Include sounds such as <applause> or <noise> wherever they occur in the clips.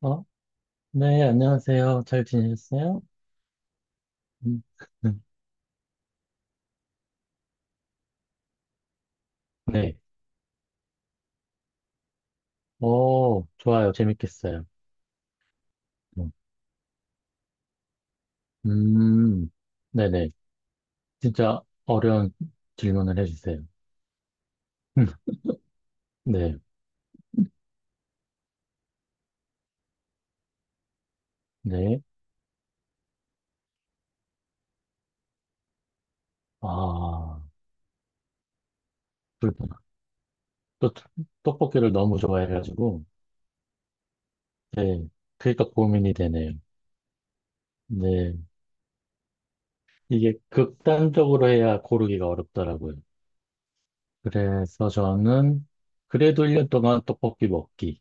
어? 네, 안녕하세요. 잘 지내셨어요? 음. <laughs> 음. 네. 오, 좋아요. 재밌겠어요. 음. 음. 네네. 진짜 어려운 질문을 해주세요. <laughs> 네, 네. 아, 그렇구나. 또, 떡볶이를 너무 좋아해가지고, 네. 그러니까 고민이 되네요. 네. 이게 극단적으로 해야 고르기가 어렵더라고요. 그래서 저는 그래도 1년 동안 떡볶이 먹기.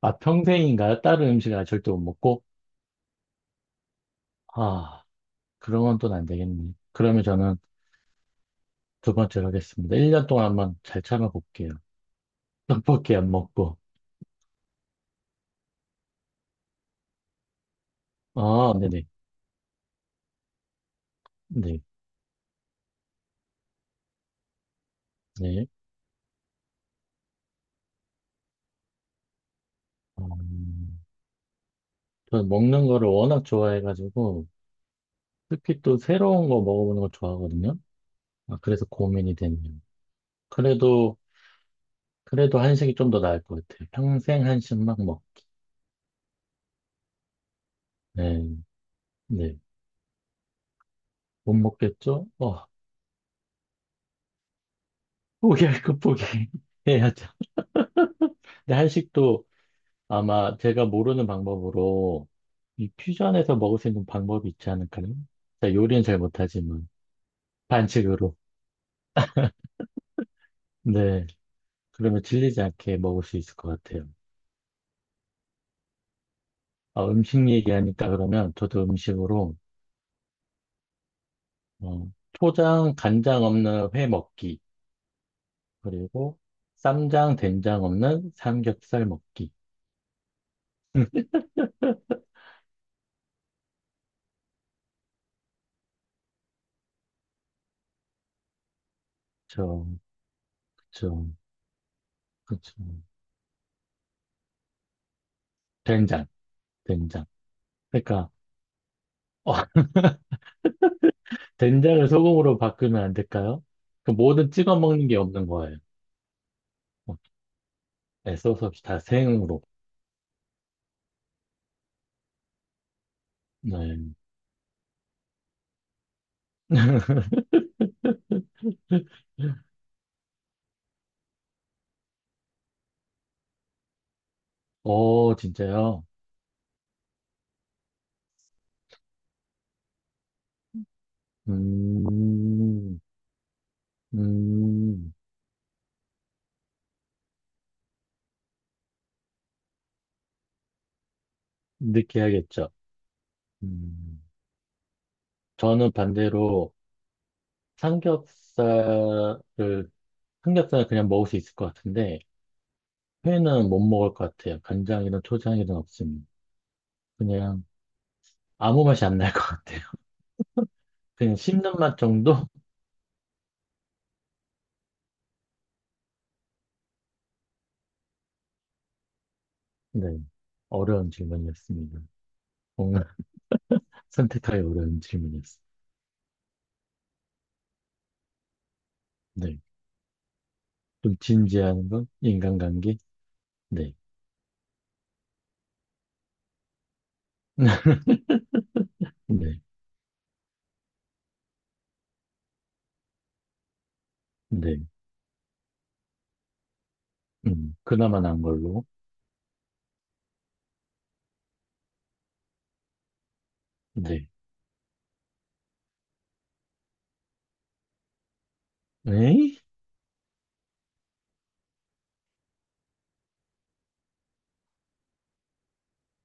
아, 평생인가요? 다른 음식 아예 절대 못 먹고? 아, 그러면 또 안 되겠네. 그러면 저는 두 번째로 하겠습니다. 1년 동안 한번 잘 참아볼게요. <laughs> 떡볶이 안 먹고. 아, 네, 네. 네, 네. 음, 저는 먹는 거를 워낙 좋아해가지고, 특히 또 새로운 거 먹어보는 거 좋아하거든요. 아, 그래서 고민이 되네요. 그래도, 그래도 한식이 좀 더 나을 것 같아요. 평생 한식만 먹. 네, 네. 못 먹겠죠? <laughs> 포기할 거 포기해야죠. 근데 한식도 아마 제가 모르는 방법으로 이 퓨전에서 먹을 수 있는 방법이 있지 않을까요? 자, 요리는 잘 못하지만 반칙으로. 네. 그러면 질리지 않게 먹을 수 있을 것 같아요. 아, 음식 얘기하니까 그러면 저도 음식으로 어, 초장 간장 없는 회 먹기 그리고 쌈장 된장 없는 삼겹살 먹기. 그쵸, 그쵸, 그쵸. 된장. 된장. 그러니까 어, <laughs> 된장을 소금으로 바꾸면 안 될까요? 그 뭐든 찍어 먹는 게 없는 거예요. 어, 애써서 없이 다 생으로. 네. <laughs> 어, 진짜요? 음, 음, 느끼하겠죠. 음, 저는 반대로 삼겹살을, 삼겹살은 그냥 먹을 수 있을 것 같은데, 회는 못 먹을 것 같아요. 간장이든 초장이든 없으면. 그냥 아무 맛이 안 날 것 같아요. 그냥 씹는 맛 정도? 네. 어려운 질문이었습니다. 뭔가 <laughs> 선택하기 어려운 질문이었어요. 좀 진지한 건 인간관계? 네. <laughs> 네. 네. 그나마 난 걸로. 네. 에이?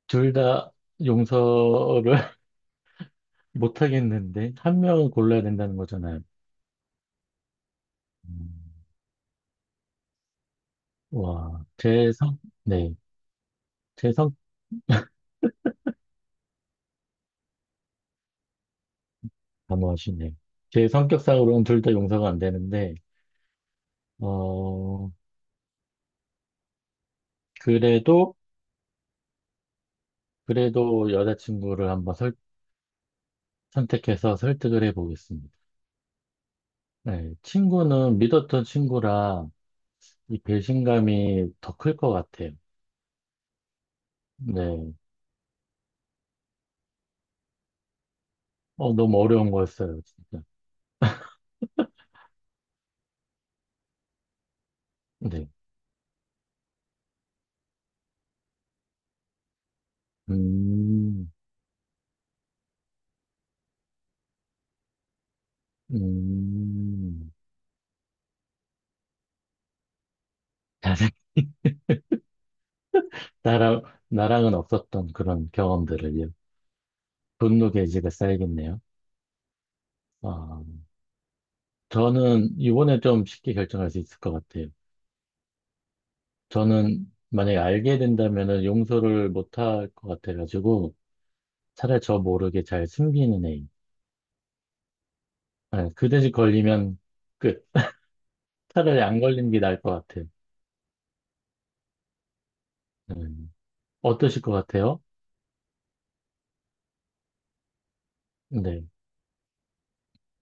둘 다 용서를 <laughs> 못 하겠는데, 한 명을 골라야 된다는 거잖아요. 음, 와, 네. 제 성, 단호하시네. 제 성격상으로는 둘 다 용서가 안 되는데, 어, 그래도, 그래도 여자친구를 한번 선택해서 설득을 해보겠습니다. 네. 친구는 믿었던 친구라, 이 배신감이 더 클 것 같아요. 네. 너무 어려운 거였어요, 진짜. 네. 음. 음. <laughs> 나랑, 나랑은 없었던 그런 경험들을요. 분노 게이지가 쌓이겠네요. 아, 저는 이번에 좀 쉽게 결정할 수 있을 것 같아요. 저는 만약에 알게 된다면은 용서를 못 할 것 같아가지고 차라리 저 모르게 잘 숨기는 애인. 아, 그 대신 걸리면 끝. 차라리 안 걸리는 게 나을 것 같아요. 네. 어떠실 것 같아요? 네,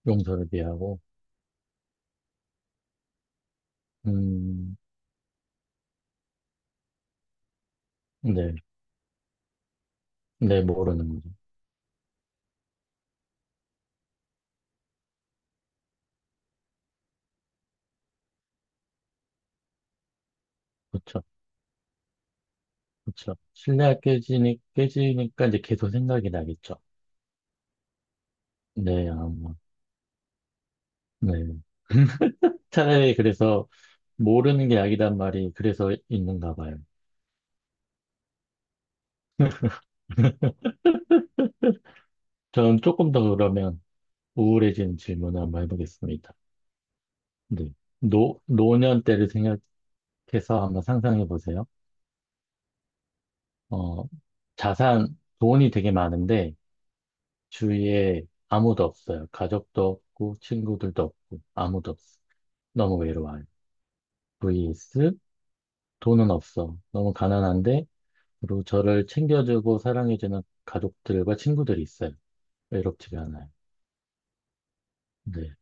용서를 비하고, 음, 네, 네, 모르는 거죠. 그렇죠, 그렇죠. 신뢰가 깨지니까 이제 계속 생각이 나겠죠. 네, 아마, 네. <laughs> 차라리 그래서 모르는 게 약이란 말이 그래서 있는가 봐요. 저는 조금 더 그러면 우울해지는 질문을 한번 해보겠습니다. 네. 노년 때를 생각해서 한번 상상해 보세요. 어, 자산, 돈이 되게 많은데, 주위에 아무도 없어요. 가족도 없고, 친구들도 없고, 아무도 없어. 너무 외로워요. vs 돈은 없어. 너무 가난한데, 그리고 저를 챙겨주고 사랑해주는 가족들과 친구들이 있어요. 외롭지가 않아요. 네.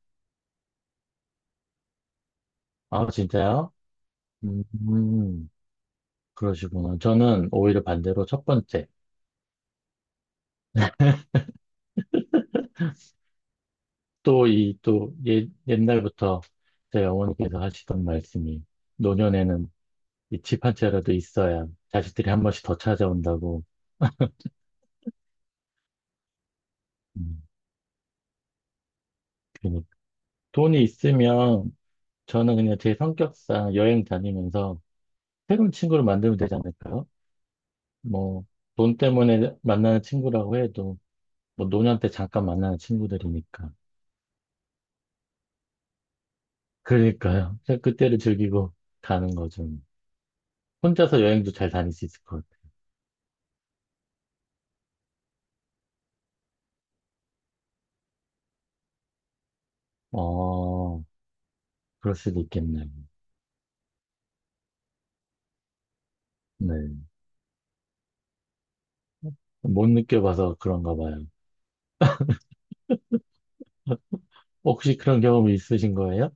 아, 진짜요? 음, 음, 그러시구나. 저는 오히려 반대로 첫 번째. 또 이, 또 예, 옛날부터 제 어머니께서 하시던 말씀이 노년에는 이 집 한 채라도 있어야 자식들이 한 번씩 더 찾아온다고. 음, 괜히 돈이 있으면 저는 그냥 제 성격상 여행 다니면서 새로운 친구를 만들면 되지 않을까요? 뭐, 돈 때문에 만나는 친구라고 해도 뭐 노년 때 잠깐 만나는 친구들이니까. 그러니까요. 그냥 그때를 즐기고 가는 거죠. 혼자서 여행도 잘 다닐 수 있을 것 같아요. 어, 그럴 수도 있겠네요. 네. 못 느껴봐서 그런가 봐요. 혹시 그런 경험이 있으신 거예요?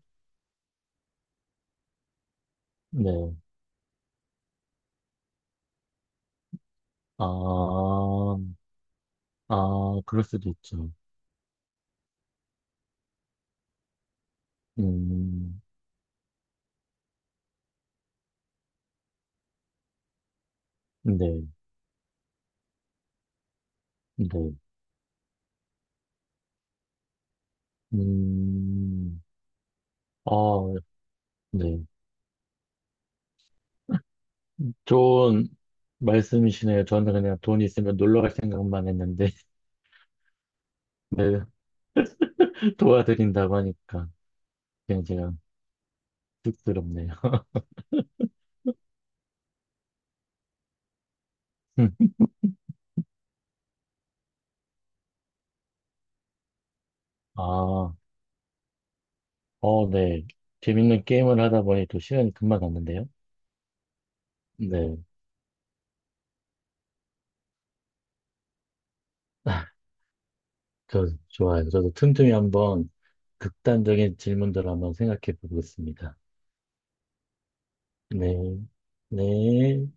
네. 아, 아, 그럴 수도 있죠. 음. 네. 네. 음. 아, 네. 좋은 말씀이시네요. 저는 그냥 돈 있으면 놀러 갈 생각만 했는데, <laughs> 네, 도와드린다고 하니까 그냥 제가 쑥스럽네요. <laughs> 아, 어, 네. 재밌는 게임을 하다 보니 또 시간이 금방 갔는데요. 네. <laughs> 아, 좋아요. 저도 틈틈이 한번 극단적인 질문들을 한번 생각해 보겠습니다. 네. 네.